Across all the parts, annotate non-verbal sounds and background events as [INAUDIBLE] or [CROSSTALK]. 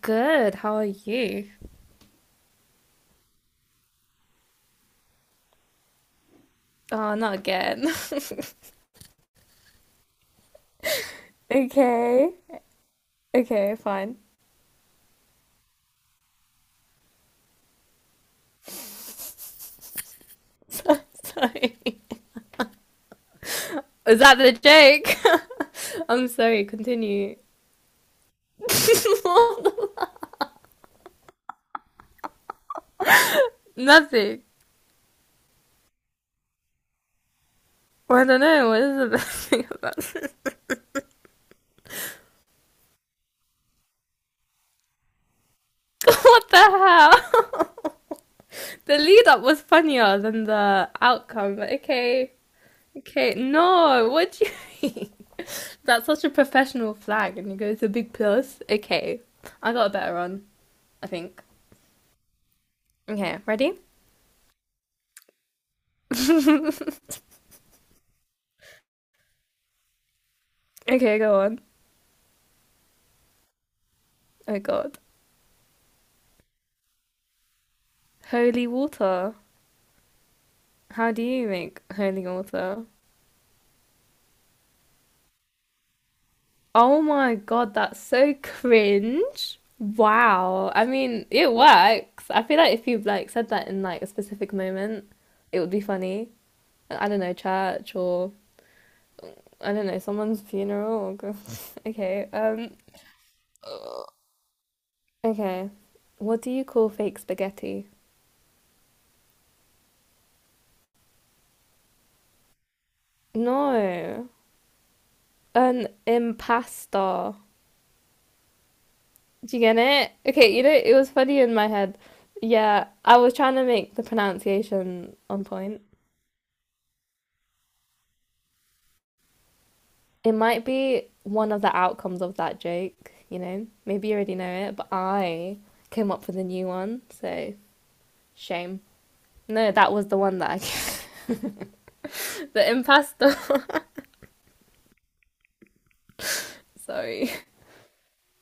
Good. How are you? Oh, not again. [LAUGHS] Okay. Okay, fine. [LAUGHS] Sorry. Was that the joke? [LAUGHS] I'm sorry. Continue. [LAUGHS] Nothing. Well, I don't know. What is the [LAUGHS] best thing about this? [LAUGHS] What the hell? [LAUGHS] The lead up was funnier than the outcome. But okay. Okay. No. What do you mean? [LAUGHS] That's such a professional flag, and you go to a big plus. Okay. I got a better one. I think. Okay. Ready? Okay, go on. Oh God. Holy water. How do you make holy water? Oh my God, that's so cringe. Wow. I mean, it works. I feel like if you like said that in like a specific moment, it would be funny. I don't know, church or I don't know, someone's funeral or [LAUGHS] okay. Okay. What do you call fake spaghetti? No. An impasta. Do you get it? Okay, it was funny in my head. Yeah, I was trying to make the pronunciation on point. It might be one of the outcomes of that joke, you know? Maybe you already know it, but I came up with a new one, so shame. No, that was the one that I [LAUGHS] the impasto. [LAUGHS] Sorry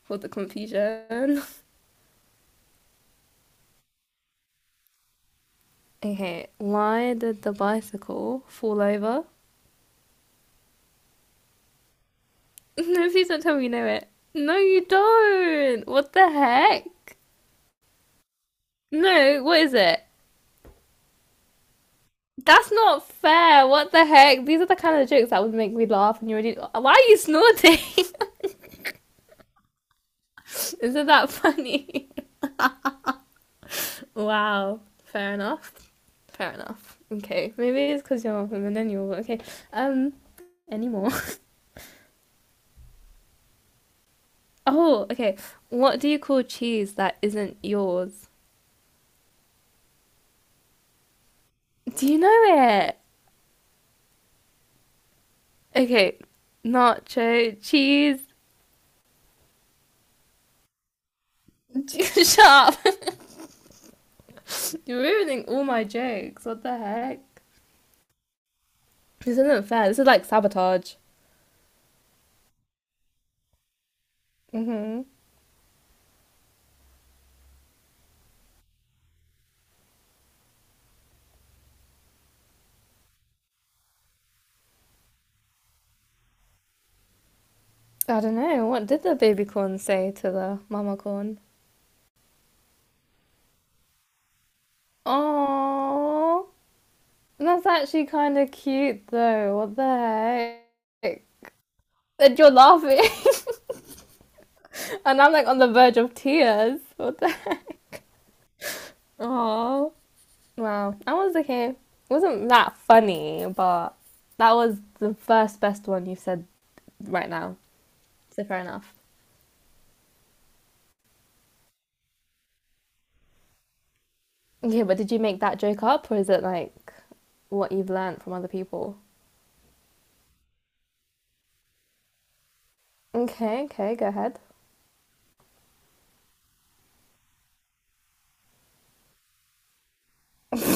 for the confusion. Okay, why did the bicycle fall over? [LAUGHS] No, please don't tell me you know it. No, you don't. What the heck? No, what is it? That's not fair. What the heck? These are the kind of jokes that would make me laugh, and you already. Why are you snorting? [LAUGHS] Isn't that funny? [LAUGHS] wow. Fair enough. Fair enough. Okay. Maybe it's because you're a millennial. Okay. Um. Anymore. [LAUGHS] oh. Okay. What do you call cheese that isn't yours? Do you know it? Okay. Nacho cheese. [LAUGHS] Shut up. [LAUGHS] You're ruining all my jokes. What the heck? This isn't fair. This is like sabotage. Mm-hmm. I don't know. What did the baby corn say to the mama corn? Oh, that's actually kind of cute though. What the heck? And you're laughing, [LAUGHS] and I'm like on the verge of tears. What the heck? Oh, wow. I was okay. It wasn't that funny, but that was the first best one you said right now. So fair enough. Okay, but did you make that joke up, or is it like what you've learned from other people? Okay, okay, go ahead.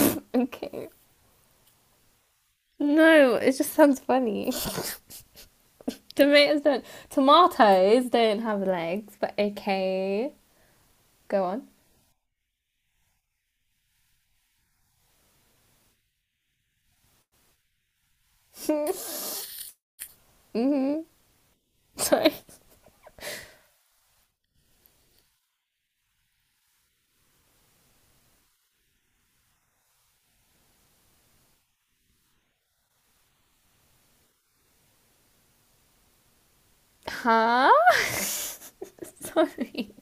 [LAUGHS] Okay. No, it just sounds funny. [LAUGHS] Tomatoes don't. Tomatoes don't have legs, but okay. Go on. Hmm. Sorry. Huh? [LAUGHS] Sorry.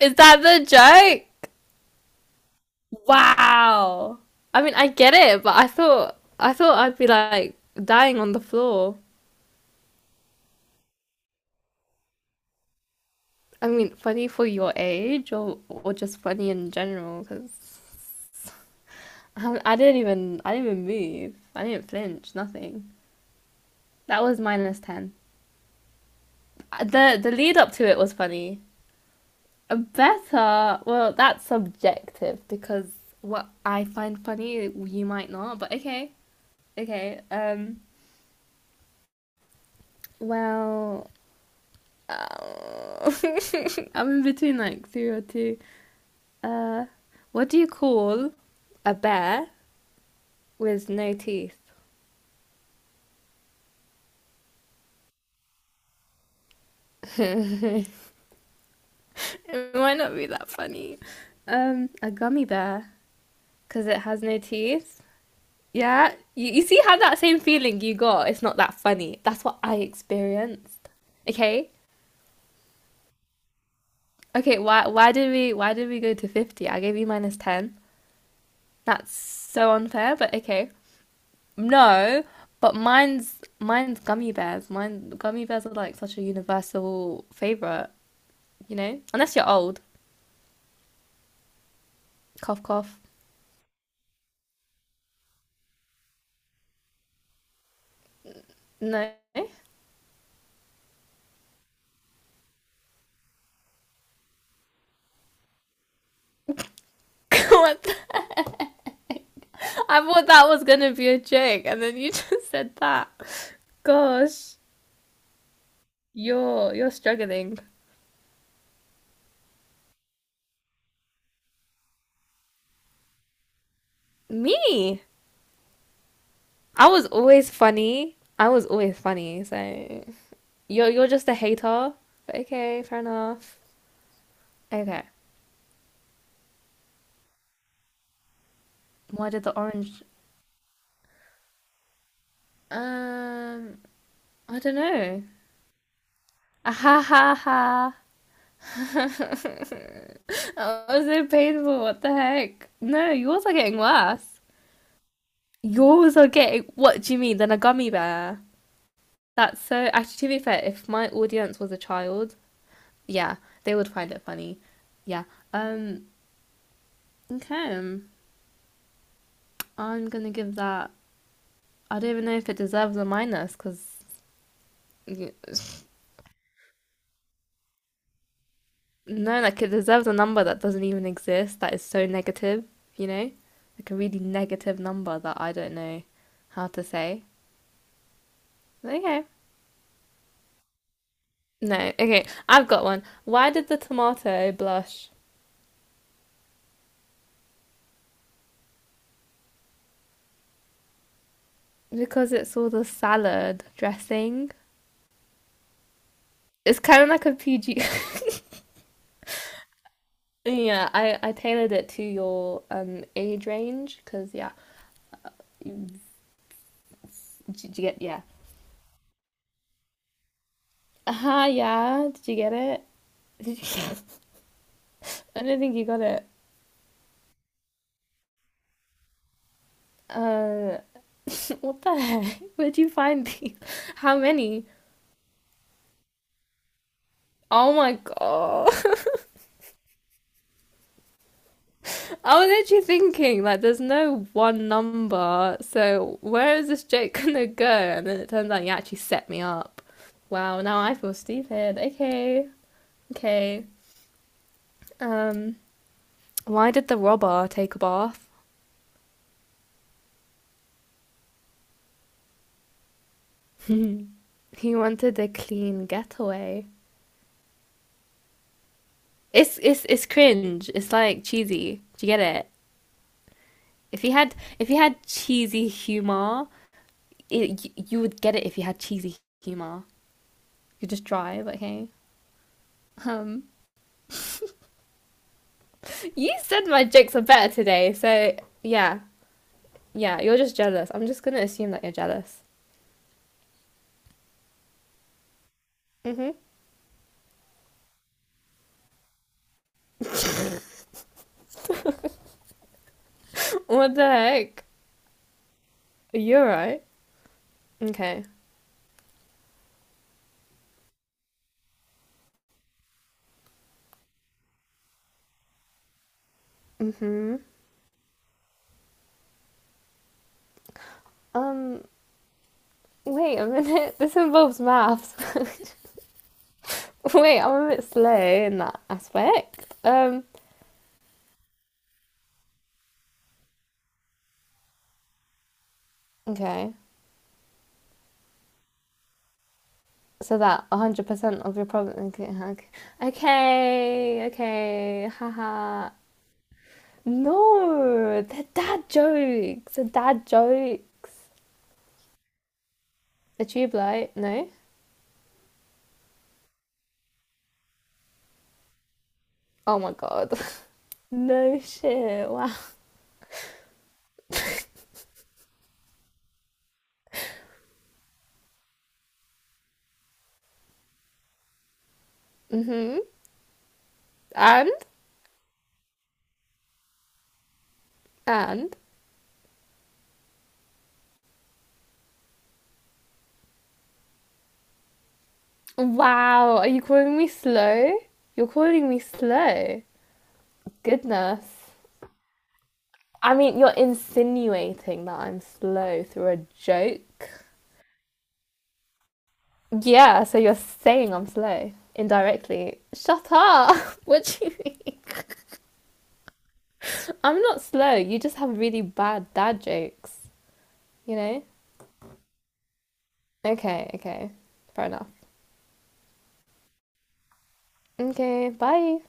Is that the joke? Wow. I mean, I get it, but I thought I'd be like dying on the floor. I mean, funny for your age, or just funny in general, because I didn't even move. I didn't flinch. Nothing. That was -10. The lead up to it was funny. Better, well, that's subjective because what I find funny, you might not. But okay, okay. Well, uh, [LAUGHS] I'm in between like two or two. Uh, what do you call a bear with no teeth? It might not be that funny. A gummy bear because it has no teeth. Yeah, you see how that same feeling you got, it's not that funny. That's what I experienced. Okay? Okay, why did we go to 50? I gave you minus 10. That's so unfair, but okay. No, but mine's gummy bears. Mine gummy bears are like such a universal favorite, you know? Unless you're old. Cough cough. No. [LAUGHS] What the- I thought that was gonna be a joke, and then you [LAUGHS] just said that. Gosh, you're struggling. Me. I was always funny. I was always funny. So you're just a hater. But okay, fair enough. Okay. Why did the orange? Um, I don't know. Ah, ha ha ha. [LAUGHS] That was so painful. What the heck? No, yours are getting worse. Yours are getting. What do you mean? Than a gummy bear? That's so. Actually, to be fair, if my audience was a child, yeah, they would find it funny. Yeah. Um. Okay, I'm gonna give that. I don't even know if it deserves a minus because no, like it deserves a number that doesn't even exist. That is so negative, you know, like a really negative number that I don't know how to say. Okay, no, okay, I've got one. Why did the tomato blush? Because it saw the salad dressing. It's kind of like a PG. [LAUGHS] yeah, I tailored it to your age range because yeah, you, you get yeah Aha, yeah. Did you get it? Did you... [LAUGHS] I don't think you got it. Uh, [LAUGHS] what the heck? Where'd you find these? How many? Oh my god. [LAUGHS] I was actually thinking, like, there's no one number, so where is this joke [LAUGHS] gonna go? And then it turns out you actually set me up. Wow, now I feel stupid. Okay, okay. Um, why did the robber take a bath? [LAUGHS] he wanted a clean getaway. It's cringe. It's like cheesy. Do you get it? If you had cheesy humor, you would get it if you had cheesy humor. You just drive, okay? Um, you said my jokes are better today, so yeah, yeah. You're just jealous. I'm just gonna assume that you're jealous. Hmm. [LAUGHS] What the heck? You're right. Okay. Um, wait a minute. [LAUGHS] This involves maths. [LAUGHS] Wait, I'm a bit slow in that aspect. Okay. So that 100% of your problem. Okay, okay, okay, okay, haha. No, they're dad jokes. They're dad jokes. A tube light? No? Oh my god. [LAUGHS] No shit. Wow. Mm-hmm. And? And? Wow, are you calling me slow? You're calling me slow. Goodness. I mean, you're insinuating that I'm slow through a joke. Yeah, so you're saying I'm slow indirectly. Shut up. [LAUGHS] What do you think? I'm not slow. You just have really bad dad jokes, you know? Okay, okay. Fair enough. Okay, bye.